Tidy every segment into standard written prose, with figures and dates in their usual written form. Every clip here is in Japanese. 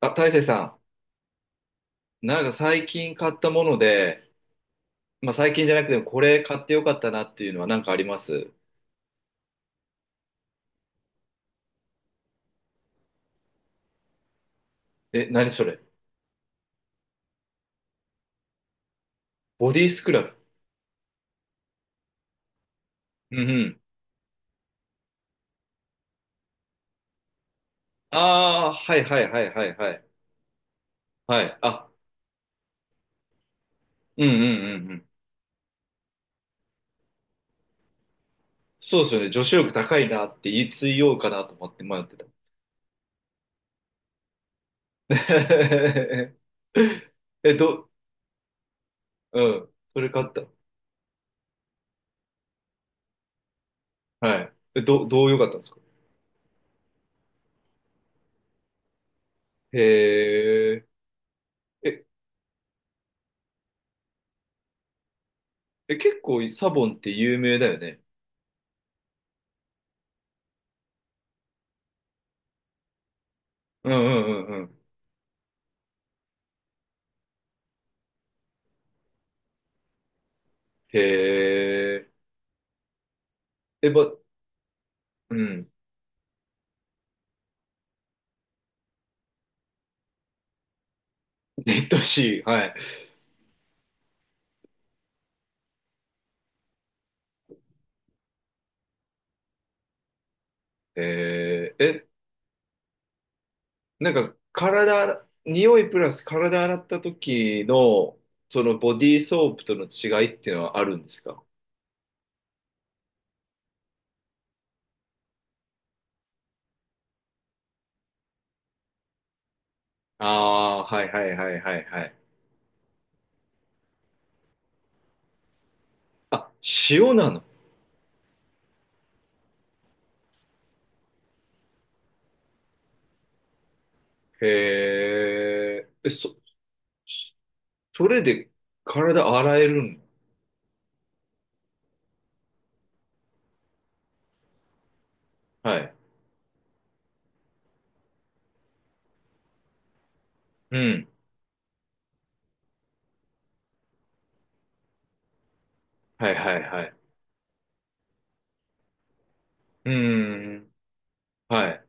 あ、大成さん、なんか最近買ったもので、まあ最近じゃなくてもこれ買ってよかったなっていうのは何かあります？え、何それ？ボディスクラブ。うんうん。ああ、はいはいはいはいはい。はい。あ、うんうんうんうん。そうですよね。女子力高いなって言いついようかなと思って迷ってた。え、うん。それ買った。はい。え、どう良かったんですか？へえ。え、え、結構サボンって有名だよね。うんうんうんうん。へえ。え、うん。えっとし、はい。えー、え、なんか、体、匂いプラス体洗った時の、そのボディーソープとの違いっていうのはあるんですか？ああー、はいはいはいはいはい。あ、塩なの？へえ。え、それで体洗えるの？はい。うん。はいはいはい。うん。はい。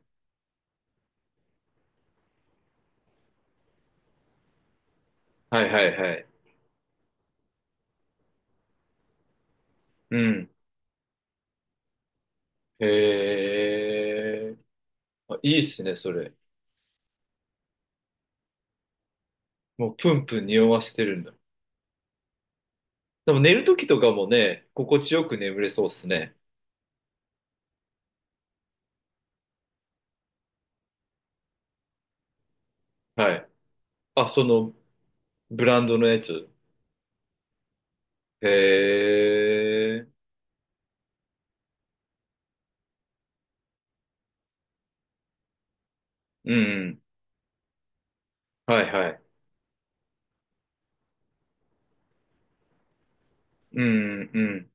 はいはいはい。うん。へえ。あ、いいっすね、それ。もうプンプン匂わせてるんだ。でも寝るときとかもね、心地よく眠れそうっすね。はい。あ、そのブランドのやつ。へえ。うん。はいはい。うん、うん。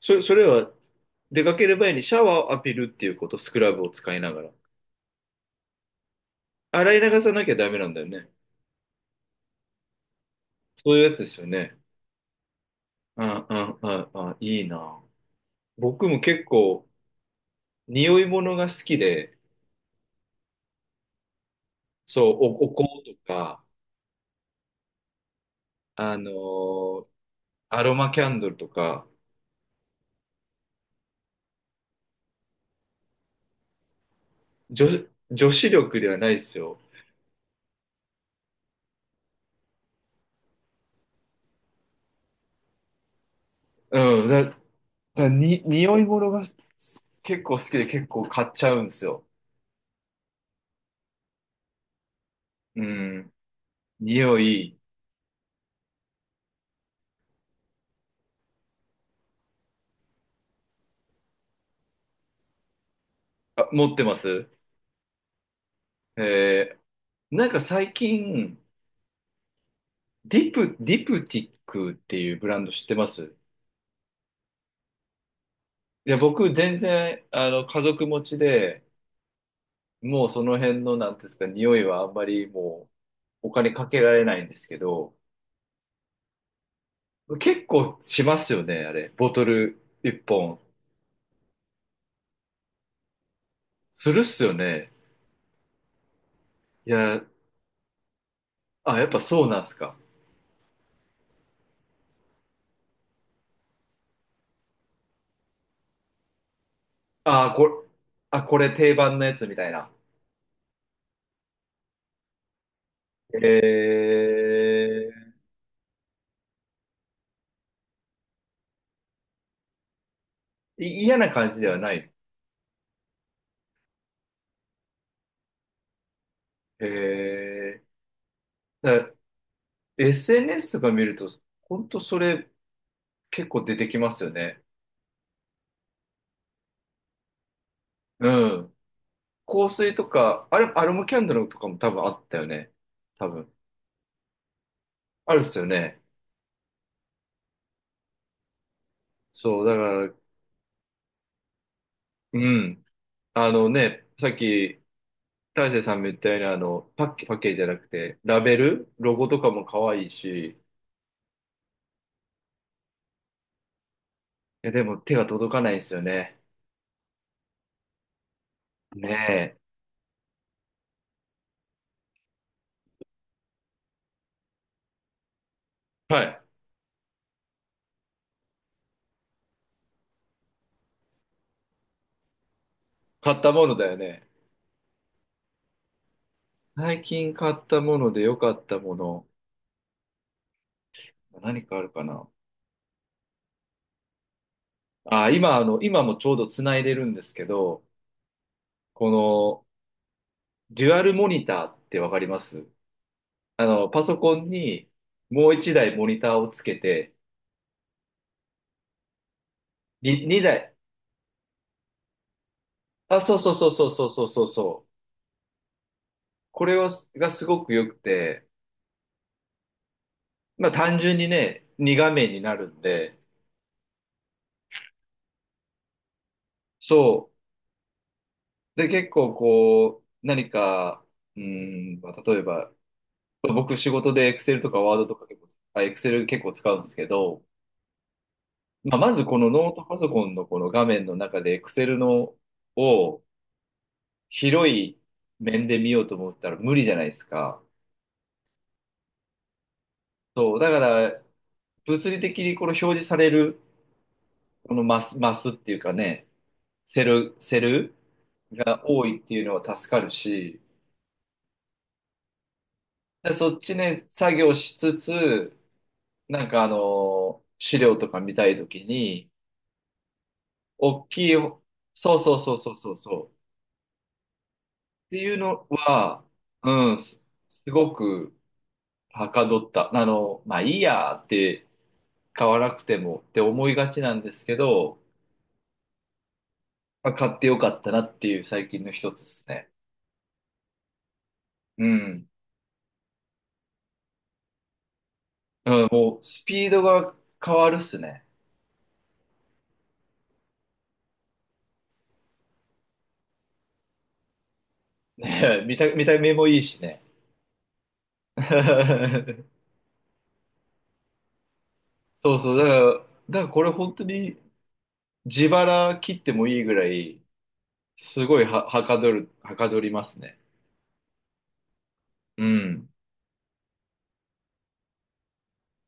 それは出かける前にシャワーを浴びるっていうこと、スクラブを使いながら。洗い流さなきゃダメなんだよね。そういうやつですよね。ああ、ああ、あいいな。僕も結構、匂い物が好きで、そう、お香とか、あのーアロマキャンドルとか、女、女子力ではないですよ。うん、だ、だに、匂い物が結構好きで結構買っちゃうんですよ。うん、匂い、あ、持ってます？えなんか最近、ディプティックっていうブランド知ってます？いや、僕全然、家族持ちで、もうその辺の、なんていうんですか、匂いはあんまりもうお金かけられないんですけど、結構しますよね、あれ。ボトル一本。するっすよね。いや、あ、やっぱそうなんすか。あ、これ、あ、これ定番のやつみたいな。え嫌な感じではない。えだから SNS とか見ると、ほんとそれ結構出てきますよね。うん。香水とか、あれ、アロマキャンドルとかも多分あったよね。多分。あるっすよね。そう、だから、うん。あのね、さっき、大勢さんも言ったように、パッケージじゃなくて、ラベル、ロゴとかも可愛いし、いや、でも手が届かないんですよね。ねえ。はい。買ったものだよね。最近買ったもので良かったもの、何かあるかな。あ、今、あの、今もちょうど繋いでるんですけど、この、デュアルモニターってわかります？パソコンにもう一台モニターをつけて、二台。あ、そうそうそうそうそうそうそうそう。これは、がすごく良くて、まあ単純にね、2画面になるんで、そう。で、結構こう、何か、うーまあ例えば、僕仕事で Excel とか Word とか結構、あ、Excel 結構使うんですけど、まあまずこのノートパソコンのこの画面の中で Excel のを広い面で見ようと思ったら無理じゃないですか。そう。だから、物理的にこの表示される、このマスっていうかね、セルが多いっていうのは助かるし、で、そっちね、作業しつつ、なんか、資料とか見たいときに、大きい、そうそうそうそうそうそう。っていうのは、うん、すごくはかどった。まあいいやって買わなくてもって思いがちなんですけど、まあ、買ってよかったなっていう最近の一つですね。うん。うん、もうスピードが変わるっすね。ね、見た目もいいしね。そうそう、だからこれ本当に自腹切ってもいいぐらい、すごいはかどりますね。うん。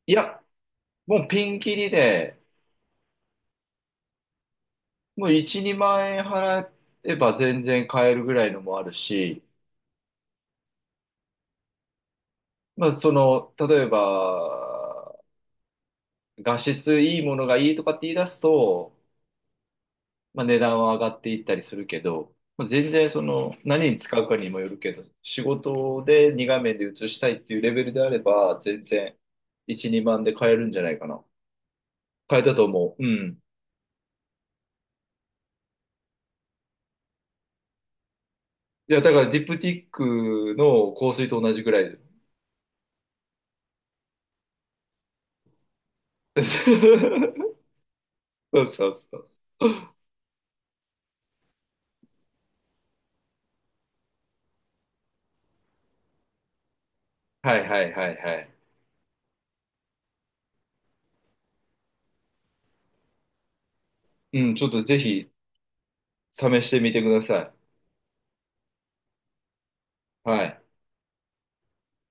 いや、もうピンキリで、もう1、2万円払えば全然買えるぐらいのもあるし、まあ、例えば、画質いいものがいいとかって言い出すと、まあ、値段は上がっていったりするけど、まあ、全然何に使うかにもよるけど、仕事で2画面で映したいっていうレベルであれば、全然1、2万で買えるんじゃないかな。変えたと思う。うん。いや、だからディプティックの香水と同じぐらいで。そうそうそう。はいはいはいはい。うん、ちょっとぜひ試してみてください。はい。